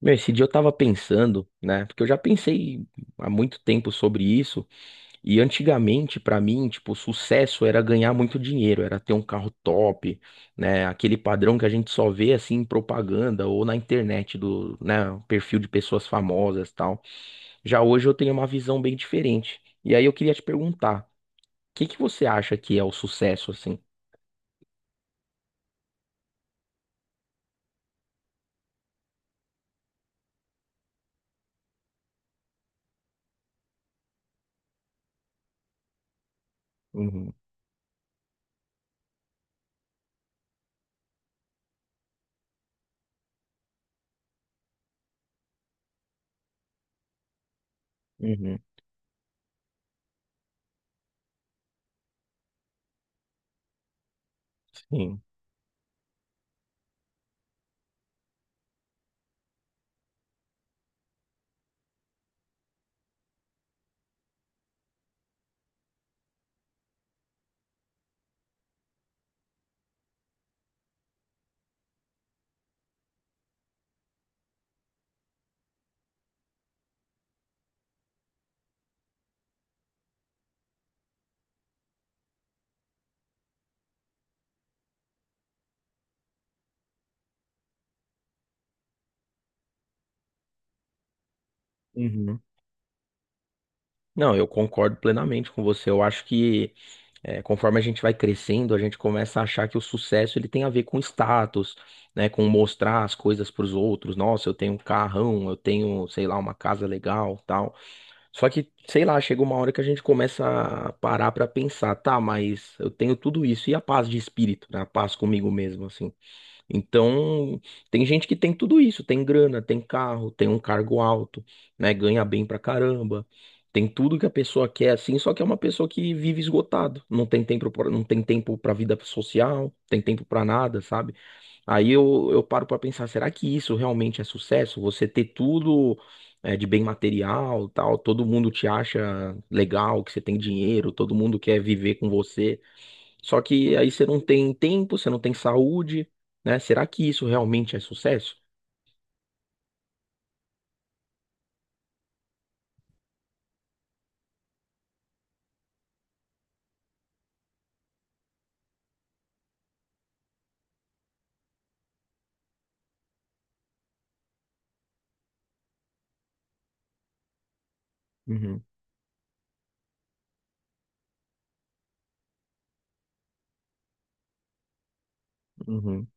Meu, esse dia eu tava pensando, né? Porque eu já pensei há muito tempo sobre isso, e antigamente, pra mim, tipo, o sucesso era ganhar muito dinheiro, era ter um carro top, né? Aquele padrão que a gente só vê assim em propaganda ou na internet do, né, perfil de pessoas famosas, e tal. Já hoje eu tenho uma visão bem diferente. E aí eu queria te perguntar, o que que você acha que é o sucesso assim? Uhum, uhum, sim. Uhum. Não, eu concordo plenamente com você. Eu acho que conforme a gente vai crescendo, a gente começa a achar que o sucesso ele tem a ver com status, né, com mostrar as coisas para os outros. Nossa, eu tenho um carrão, eu tenho, sei lá, uma casa legal, tal. Só que, sei lá, chega uma hora que a gente começa a parar para pensar, tá, mas eu tenho tudo isso e a paz de espírito, né, a paz comigo mesmo, assim. Então, tem gente que tem tudo isso, tem grana, tem carro, tem um cargo alto, né? Ganha bem pra caramba. Tem tudo que a pessoa quer, assim, só que é uma pessoa que vive esgotado, não tem tempo, não tem tempo para vida social, não tem tempo pra nada, sabe? Aí eu paro pra pensar, será que isso realmente é sucesso? Você ter tudo de bem material, tal, todo mundo te acha legal, que você tem dinheiro, todo mundo quer viver com você. Só que aí você não tem tempo, você não tem saúde, né? Será que isso realmente é sucesso? Uhum, uhum,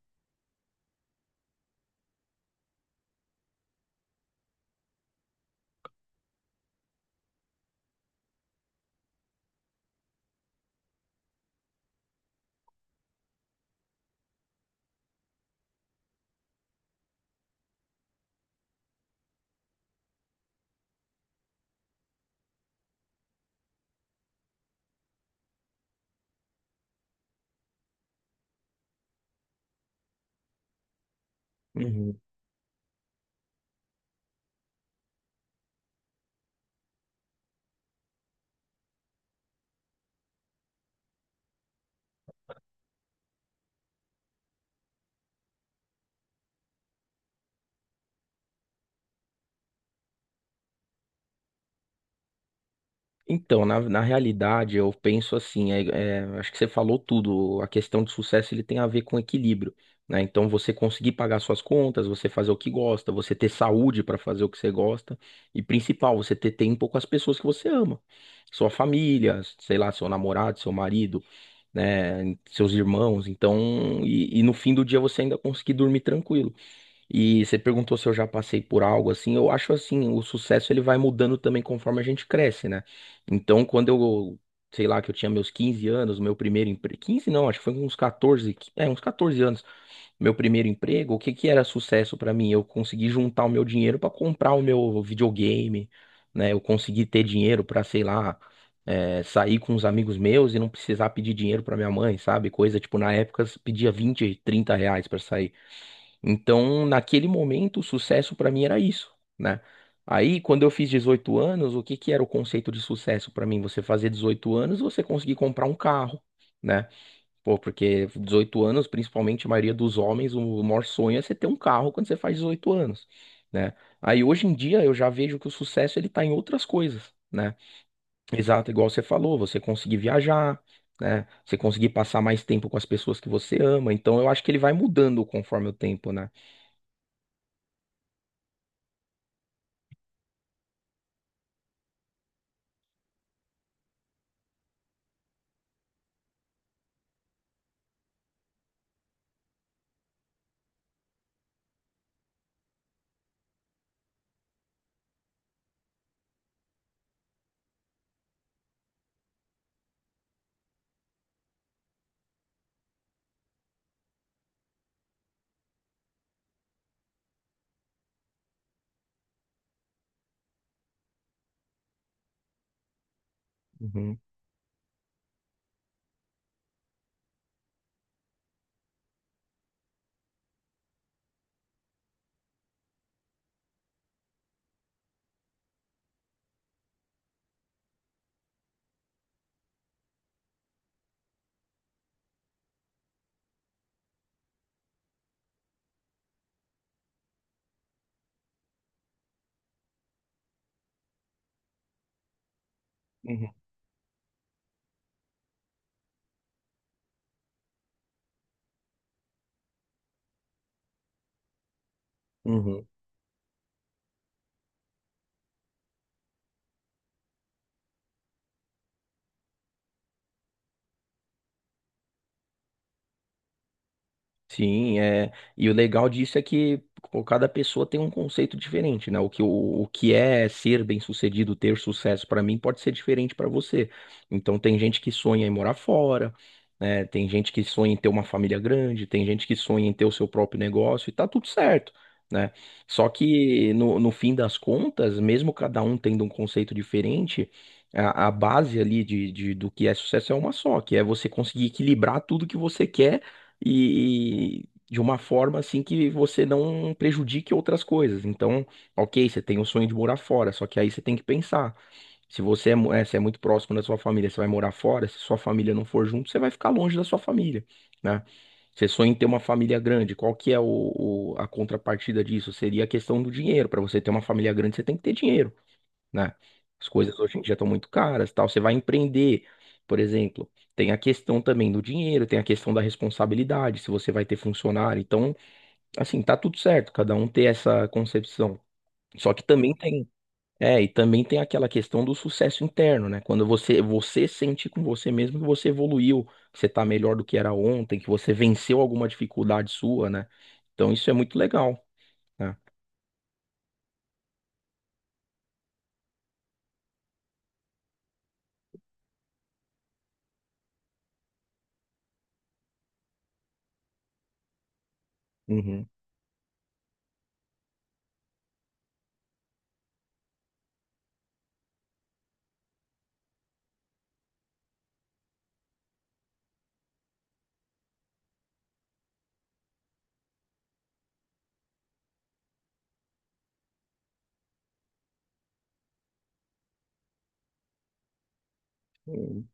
uhum. Então, na realidade, eu penso assim, acho que você falou tudo, a questão de sucesso ele tem a ver com equilíbrio, né? Então, você conseguir pagar suas contas, você fazer o que gosta, você ter saúde para fazer o que você gosta, e principal, você ter tempo com as pessoas que você ama, sua família, sei lá, seu namorado, seu marido, né, seus irmãos, então, e no fim do dia você ainda conseguir dormir tranquilo. E você perguntou se eu já passei por algo assim, eu acho assim, o sucesso ele vai mudando também conforme a gente cresce, né? Então, quando eu, sei lá, que eu tinha meus 15 anos, meu primeiro emprego, 15 não, acho que foi uns 14, uns 14 anos, meu primeiro emprego, o que que era sucesso pra mim? Eu consegui juntar o meu dinheiro pra comprar o meu videogame, né? Eu consegui ter dinheiro pra, sei lá, sair com os amigos meus e não precisar pedir dinheiro pra minha mãe, sabe? Coisa tipo, na época, se pedia 20 30 reais pra sair. Então, naquele momento, o sucesso pra mim era isso, né? Aí, quando eu fiz 18 anos, o que que era o conceito de sucesso pra mim? Você fazer 18 anos, você conseguir comprar um carro, né? Pô, porque 18 anos, principalmente a maioria dos homens, o maior sonho é você ter um carro quando você faz 18 anos, né? Aí hoje em dia eu já vejo que o sucesso ele tá em outras coisas, né? Exato, igual você falou, você conseguir viajar, né? Você conseguir passar mais tempo com as pessoas que você ama. Então eu acho que ele vai mudando conforme o tempo, né? Uhum, uhum, uhum. Sim, é. E o legal disso é que pô, cada pessoa tem um conceito diferente, né? O que é ser bem-sucedido, ter sucesso para mim pode ser diferente para você. Então tem gente que sonha em morar fora, né? Tem gente que sonha em ter uma família grande, tem gente que sonha em ter o seu próprio negócio e tá tudo certo, né? Só que no fim das contas, mesmo cada um tendo um conceito diferente, a base ali do que é sucesso é uma só, que é você conseguir equilibrar tudo que você quer e de uma forma assim que você não prejudique outras coisas. Então, ok, você tem o sonho de morar fora, só que aí você tem que pensar. Se você é, mu- é, se é muito próximo da sua família, você vai morar fora. Se sua família não for junto, você vai ficar longe da sua família, né? Você sonha em ter uma família grande, qual que é a contrapartida disso? Seria a questão do dinheiro. Para você ter uma família grande, você tem que ter dinheiro, né? As coisas hoje em dia estão muito caras, tal. Você vai empreender, por exemplo, tem a questão também do dinheiro, tem a questão da responsabilidade, se você vai ter funcionário. Então, assim, tá tudo certo, cada um ter essa concepção. Só que também tem, e também tem aquela questão do sucesso interno, né? Quando você sente com você mesmo que você evoluiu, que você tá melhor do que era ontem, que você venceu alguma dificuldade sua, né? Então, isso é muito legal, né? Uhum.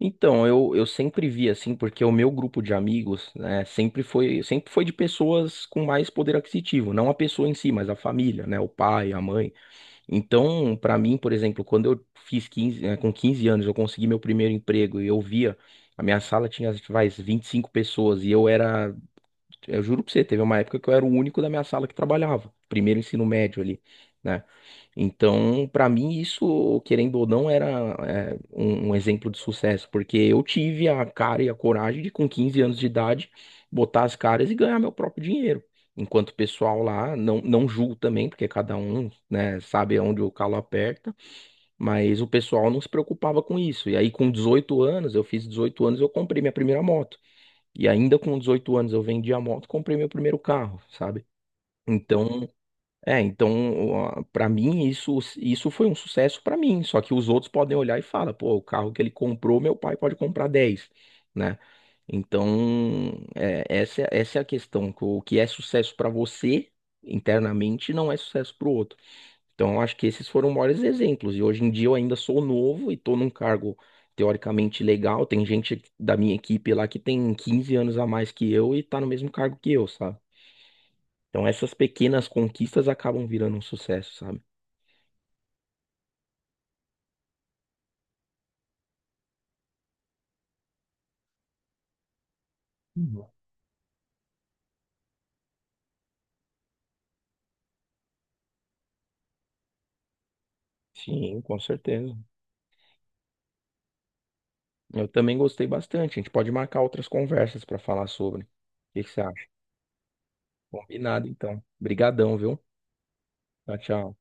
Então, eu sempre vi assim, porque o meu grupo de amigos, né, sempre foi de pessoas com mais poder aquisitivo, não a pessoa em si, mas a família, né, o pai, a mãe. Então, pra mim, por exemplo, quando eu fiz 15, com 15 anos, eu consegui meu primeiro emprego e eu via, a minha sala tinha, vai, 25 pessoas e eu era, eu juro pra você, teve uma época que eu era o único da minha sala que trabalhava, primeiro ensino médio ali, né? Então, para mim, isso, querendo ou não, era um exemplo de sucesso, porque eu tive a cara e a coragem de, com 15 anos de idade, botar as caras e ganhar meu próprio dinheiro. Enquanto o pessoal lá, não, não julgo também, porque cada um, né, sabe onde o calo aperta, mas o pessoal não se preocupava com isso. E aí, com 18 anos, eu fiz 18 anos, eu comprei minha primeira moto. E ainda com 18 anos, eu vendi a moto, e comprei meu primeiro carro, sabe? Então. É, então, para mim, isso, foi um sucesso para mim. Só que os outros podem olhar e falar, pô, o carro que ele comprou, meu pai pode comprar 10, né? Então, essa é a questão. Que o que é sucesso para você internamente não é sucesso para o outro. Então, eu acho que esses foram maiores exemplos. E hoje em dia eu ainda sou novo e estou num cargo teoricamente legal. Tem gente da minha equipe lá que tem 15 anos a mais que eu e está no mesmo cargo que eu, sabe? Então essas pequenas conquistas acabam virando um sucesso, sabe? Uhum. Sim, com certeza. Eu também gostei bastante. A gente pode marcar outras conversas para falar sobre. O que que você acha? Combinado, então. Obrigadão, viu? Tchau, tchau.